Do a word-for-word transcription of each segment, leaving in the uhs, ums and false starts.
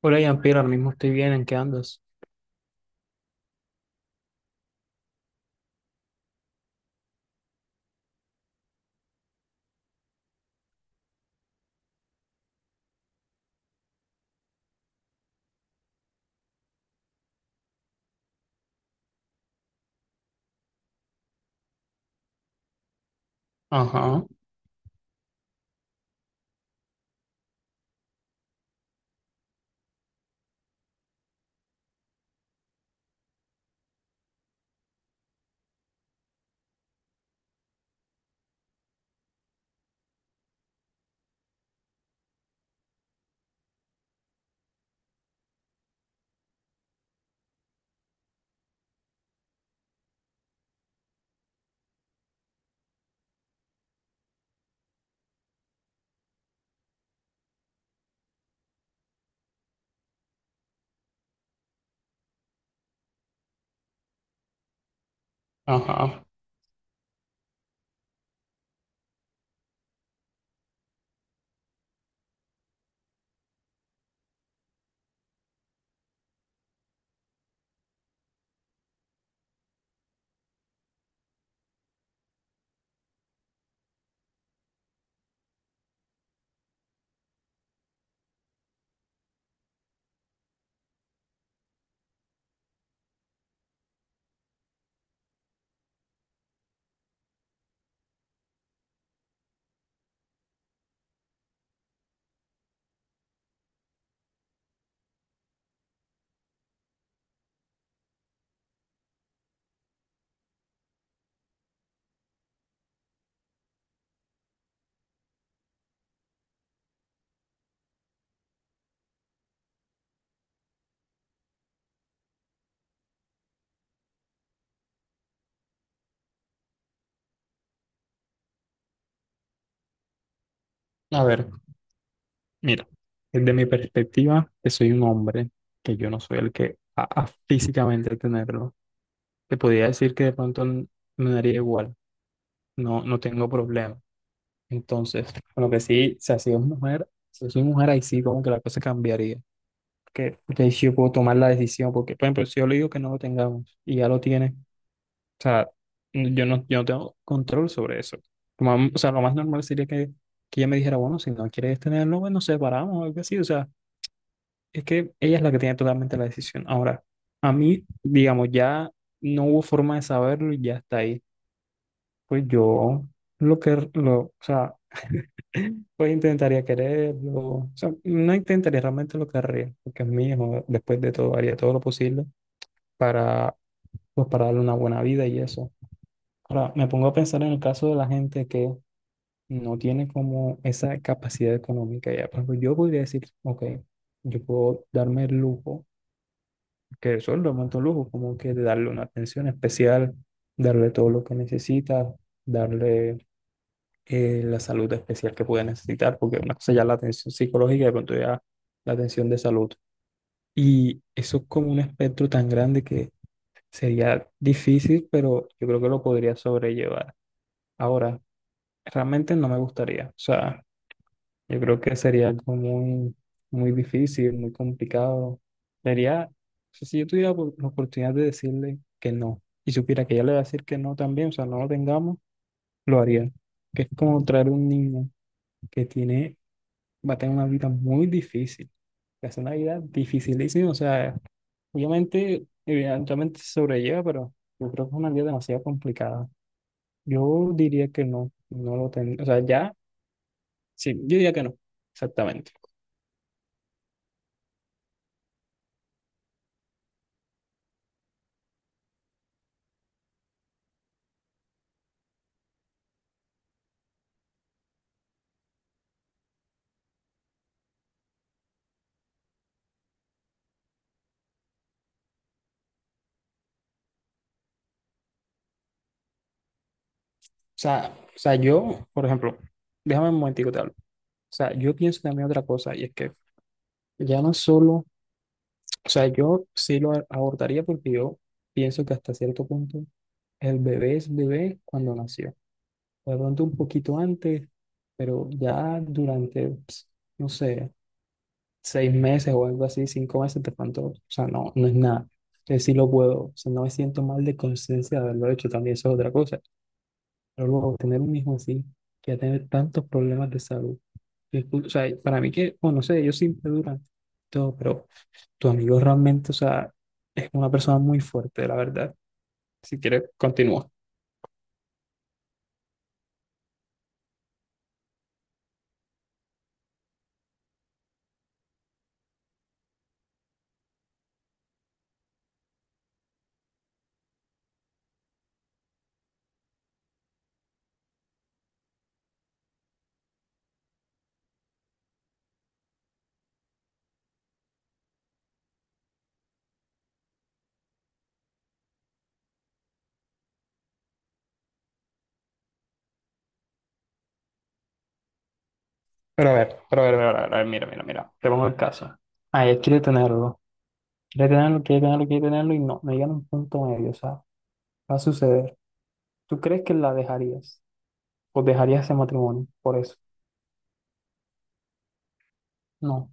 Hola, Jean-Pierre, ahora mismo estoy bien, ¿en qué andas? Ajá, ajá. A ver, mira, desde mi perspectiva, que soy un hombre, que yo no soy el que a, a físicamente tenerlo, te podría decir que de pronto n- me daría igual, no, no tengo problema. Entonces, bueno, que sí, si así es mujer, si soy mujer, ahí sí como que la cosa cambiaría. Que de ahí sí yo puedo tomar la decisión, porque, por ejemplo, si yo le digo que no lo tengamos y ya lo tiene, O sea, yo no, yo no tengo control sobre eso. Lo más- o sea, lo más normal sería que, que ella me dijera, bueno, si no quieres tenerlo, bueno, nos separamos o algo así. O sea, es que ella es la que tiene totalmente la decisión. Ahora, a mí, digamos, ya no hubo forma de saberlo y ya está ahí. Pues yo lo que, lo, o sea, pues intentaría quererlo. O sea, no intentaría, realmente lo querría, porque es mío. Después de todo, haría todo lo posible para, pues, para darle una buena vida y eso. Ahora, me pongo a pensar en el caso de la gente que no tiene como esa capacidad económica ya. Por ejemplo, yo podría decir, ok, yo puedo darme el lujo, que eso es realmente un lujo, como que de darle una atención especial, darle todo lo que necesita, darle eh, la salud especial que puede necesitar, porque una cosa ya es la atención psicológica y de pronto ya la atención de salud. Y eso es como un espectro tan grande que sería difícil, pero yo creo que lo podría sobrellevar. Ahora, Realmente no me gustaría. O sea, yo creo que sería algo muy, muy difícil, muy complicado. Sería, o sea, si yo tuviera op- la oportunidad de decirle que no y supiera que ella le va a decir que no también, o sea, no lo tengamos, lo haría. Que es como traer un niño que tiene, va a tener una vida muy difícil. Que Es una vida dificilísima. O sea, obviamente, evidentemente se sobrelleva, pero yo creo que es una vida demasiado complicada. Yo diría que no, no lo tengo. O sea, ya. Sí, yo diría que no, exactamente. O sea, o sea, yo, por ejemplo, déjame un momentico te hablo. O sea, yo pienso también otra cosa y es que ya no solo, o sea, yo sí lo a- abortaría porque yo pienso que hasta cierto punto el bebé es bebé cuando nació. De pronto un poquito antes, pero ya durante, ps, no sé, seis meses o algo así, cinco meses, de pronto, o sea, no, no es nada. Que sí lo puedo, o sea, no me siento mal de conciencia de haberlo hecho, también eso es otra cosa. Pero luego tener un hijo así, que va a tener tantos problemas de salud. que es cul- O sea, para mí que, bueno, no sé, ellos siempre duran todo, pero tu amigo realmente, o sea, es una persona muy fuerte, la verdad. Si quieres, continúa. Pero a ver, pero a ver, pero a ver, a ver, mira, mira, mira, te pongo el caso. Ah, él quiere tenerlo, quiere tenerlo, quiere tenerlo, quiere tenerlo y no, no llegan a un punto medio, o sea, va a suceder. ¿Tú crees que la dejarías? ¿O dejarías ese matrimonio por eso? No.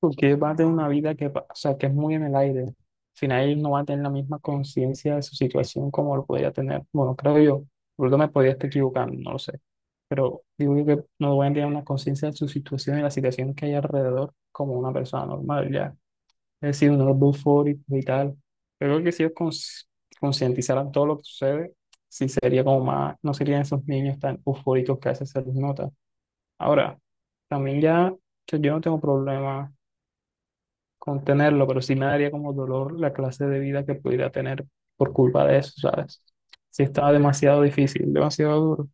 Porque va a tener una vida que, va- o sea, que es muy en el aire. Al final él no va a tener la misma conciencia de su situación como lo podría tener. Bueno, creo yo. Porque me podría estar equivocando, no lo sé. Pero digo yo que no voy a tener una conciencia de su situación y la situación que hay alrededor como una persona normal, ya. Es decir, unos eufóricos y tal. Pero creo que si ellos cons- concientizaran todo lo que sucede, sí sería como más, no serían esos niños tan eufóricos que a veces se les nota. Ahora, también ya, o sea, yo no tengo problema contenerlo, pero sí me daría como dolor la clase de vida que pudiera tener por culpa de eso, ¿sabes? Sí estaba demasiado difícil, demasiado duro.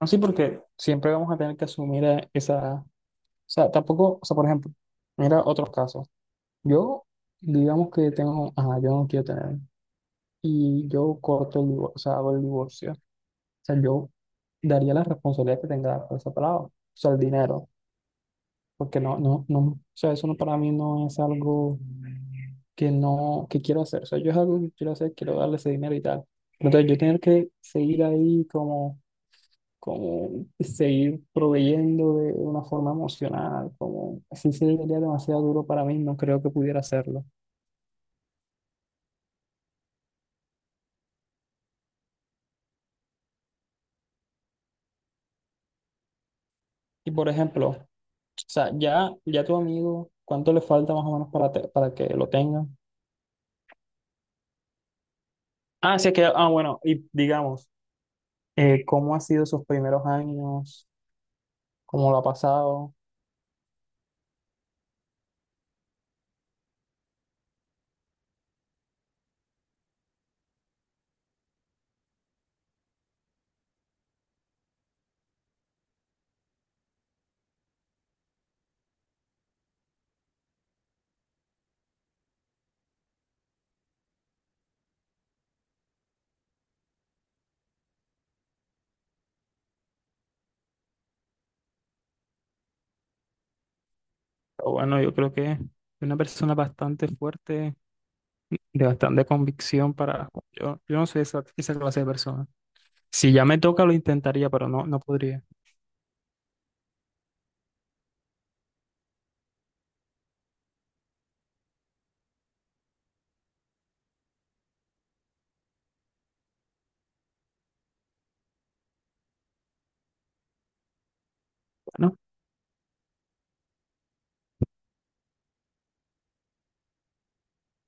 No sí, porque siempre vamos a tener que asumir eh, esa. O sea, tampoco, o sea, por ejemplo, mira otros casos. Yo, digamos que tengo, ajá, yo no quiero tener, y yo corto el divorcio, o sea, hago el divorcio. O sea, yo daría la responsabilidad que tenga por esa palabra, o sea, el dinero. Porque no, no, no, o sea, eso no, para mí no es algo que no, que quiero hacer. O sea, yo es algo que quiero hacer, quiero darle ese dinero y tal. Entonces, yo tener que seguir ahí como, como seguir proveyendo de una forma emocional, como así sería demasiado duro para mí, no creo que pudiera hacerlo. Y por ejemplo, o sea, ya, ya tu amigo, ¿cuánto le falta más o menos para, te- para que lo tenga? Ah, sí, es que, ah, bueno, y digamos, eh, ¿cómo ha sido sus primeros años? ¿Cómo lo ha pasado? Pero Bueno, yo creo que es una persona bastante fuerte, de bastante convicción para. Yo, yo no soy esa, esa clase de persona. Si ya me toca, lo intentaría, pero no, no podría. Bueno.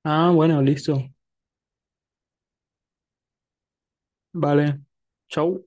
Ah, bueno, listo. Vale. Chau.